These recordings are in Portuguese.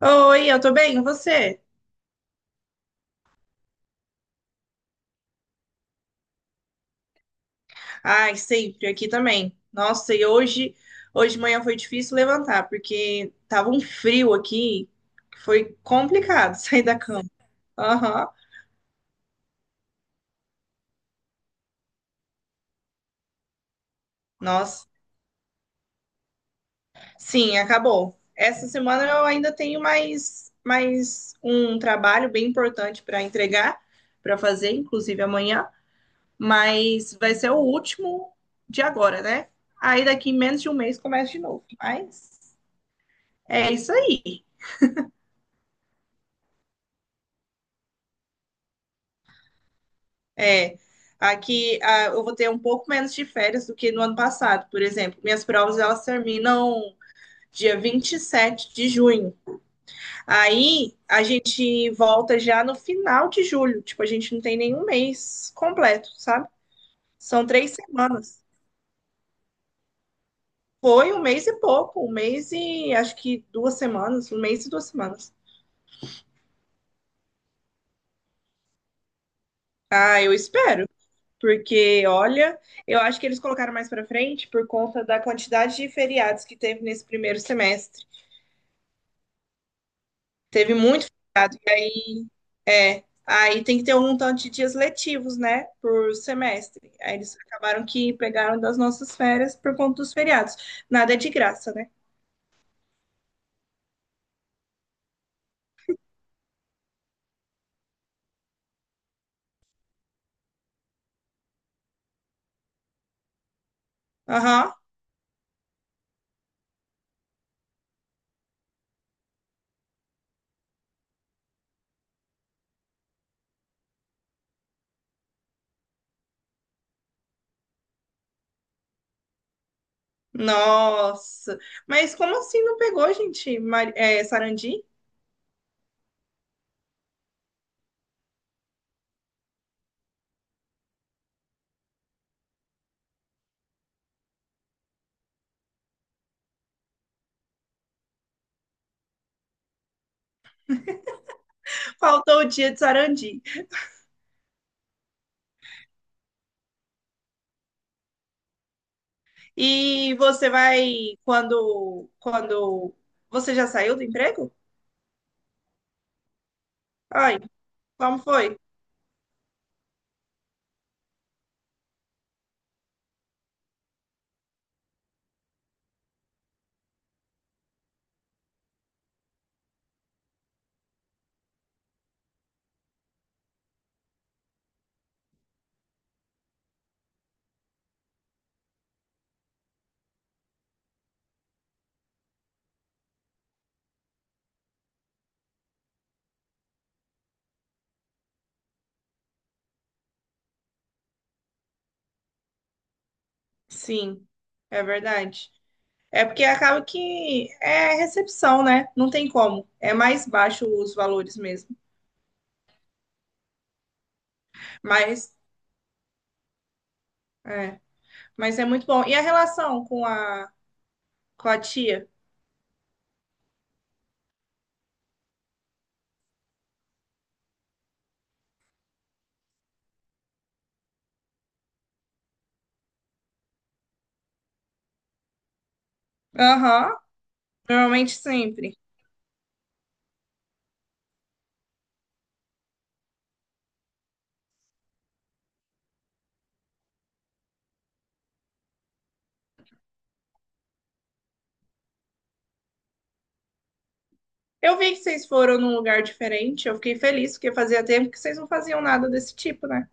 Oi, eu tô bem, e você? Ai, sempre, aqui também. Nossa, e hoje, hoje de manhã foi difícil levantar, porque tava um frio aqui, que foi complicado sair da cama. Aham. Nossa. Sim, acabou. Essa semana eu ainda tenho mais um trabalho bem importante para entregar, para fazer, inclusive amanhã, mas vai ser o último de agora, né? Aí daqui menos de um mês começa de novo. Mas é isso aí. É, aqui ah, eu vou ter um pouco menos de férias do que no ano passado, por exemplo. Minhas provas elas terminam dia 27 de junho. Aí a gente volta já no final de julho. Tipo, a gente não tem nenhum mês completo, sabe? São 3 semanas. Foi um mês e pouco, um mês e acho que 2 semanas, um mês e 2 semanas. Ah, eu espero, porque olha, eu acho que eles colocaram mais pra frente por conta da quantidade de feriados que teve nesse primeiro semestre. Teve muito. e Aí, aí tem que ter um tanto de dias letivos, né? Por semestre. Aí eles acabaram que pegaram das nossas férias por conta dos feriados. Nada é de graça, né? Aham. Nossa. Mas como assim não pegou, gente? É, Sarandi? Faltou o dia de Sarandi. E você vai quando você já saiu do emprego? Ai, como foi? Sim, é verdade. É porque acaba que é recepção, né? Não tem como. É mais baixo os valores mesmo. Mas é, mas é muito bom. E a relação com a tia? Aham, normalmente sempre. Eu vi que vocês foram num lugar diferente, eu fiquei feliz, porque fazia tempo que vocês não faziam nada desse tipo, né?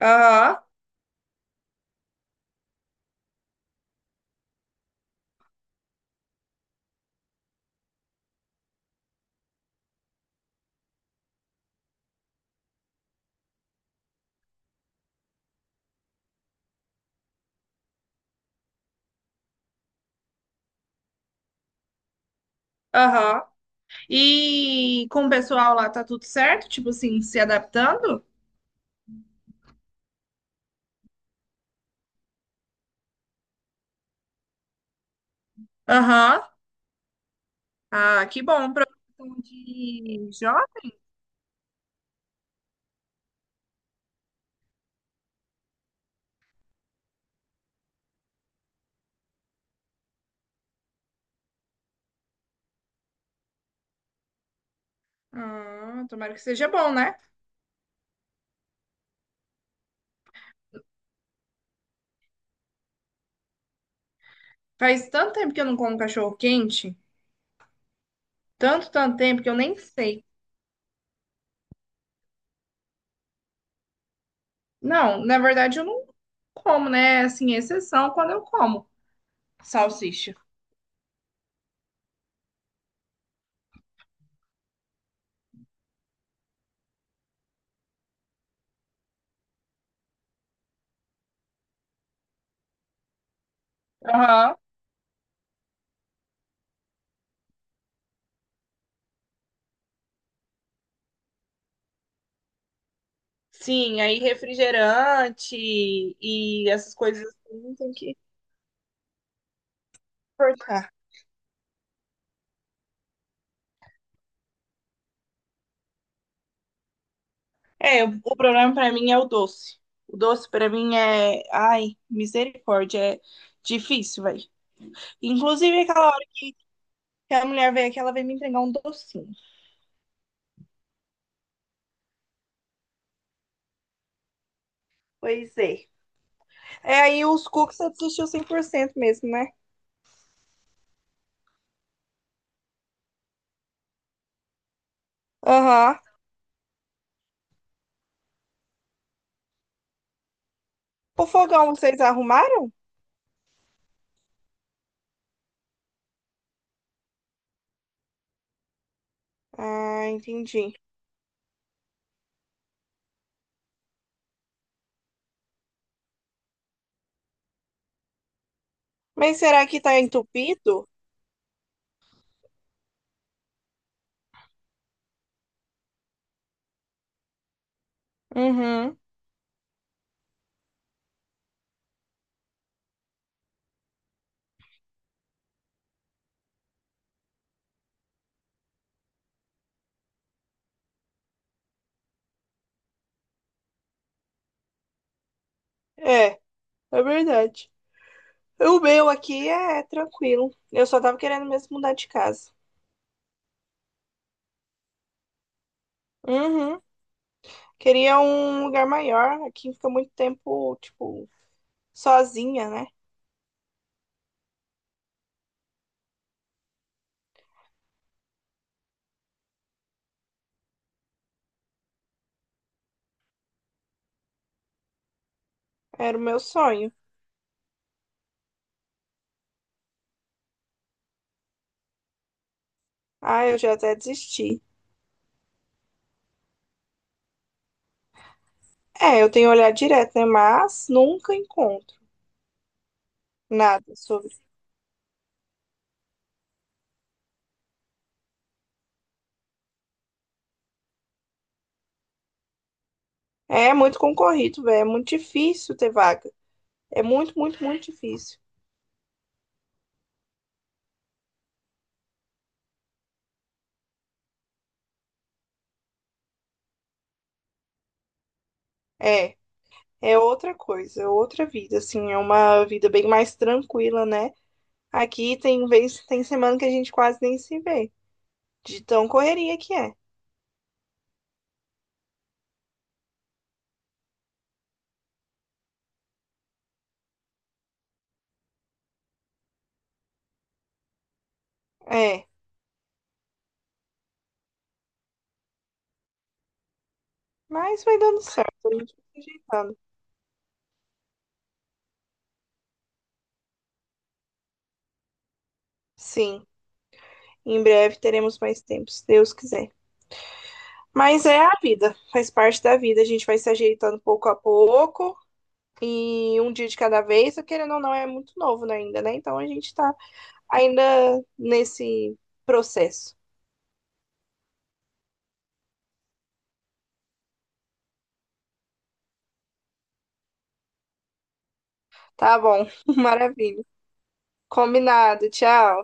Aham, aham. E com o pessoal lá tá tudo certo? Tipo assim, se adaptando? Aham. Ah, que bom. Profissão de Jó? Ah, tomara que seja bom, né? Faz tanto tempo que eu não como cachorro quente, tanto, tanto tempo que eu nem sei. Não, na verdade eu não como, né? É, assim, exceção quando eu como salsicha. Aham. Sim, aí refrigerante e essas coisas assim tem que cortar. É, o problema pra mim é o doce. O doce pra mim é, ai, misericórdia, é difícil, velho. Inclusive aquela hora que a mulher veio aqui, ela veio me entregar um docinho. Pois é. É, aí os cookies você desistiu 100% mesmo, né? Aham. O fogão vocês arrumaram? Ah, entendi. Mas será que tá entupido? Uhum. É, é verdade. O meu aqui é tranquilo. Eu só tava querendo mesmo mudar de casa. Uhum. Queria um lugar maior. Aqui fica muito tempo, tipo, sozinha, né? Era o meu sonho. Ah, eu já até desisti. É, eu tenho olhado direto, né? Mas nunca encontro nada. Só é muito concorrido, velho. É muito difícil ter vaga. É muito, muito, muito difícil. É, é outra coisa, é outra vida, assim, é uma vida bem mais tranquila, né? Aqui tem vez, tem semana que a gente quase nem se vê, de tão correria que é. É, mas vai dando certo, a gente vai se ajeitando. Sim, em breve teremos mais tempo, se Deus quiser. Mas é a vida, faz parte da vida, a gente vai se ajeitando pouco a pouco. E um dia de cada vez, querendo ou não, é muito novo, né, ainda, né? Então a gente tá ainda nesse processo. Tá bom, maravilha. Combinado, tchau.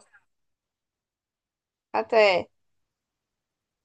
Até.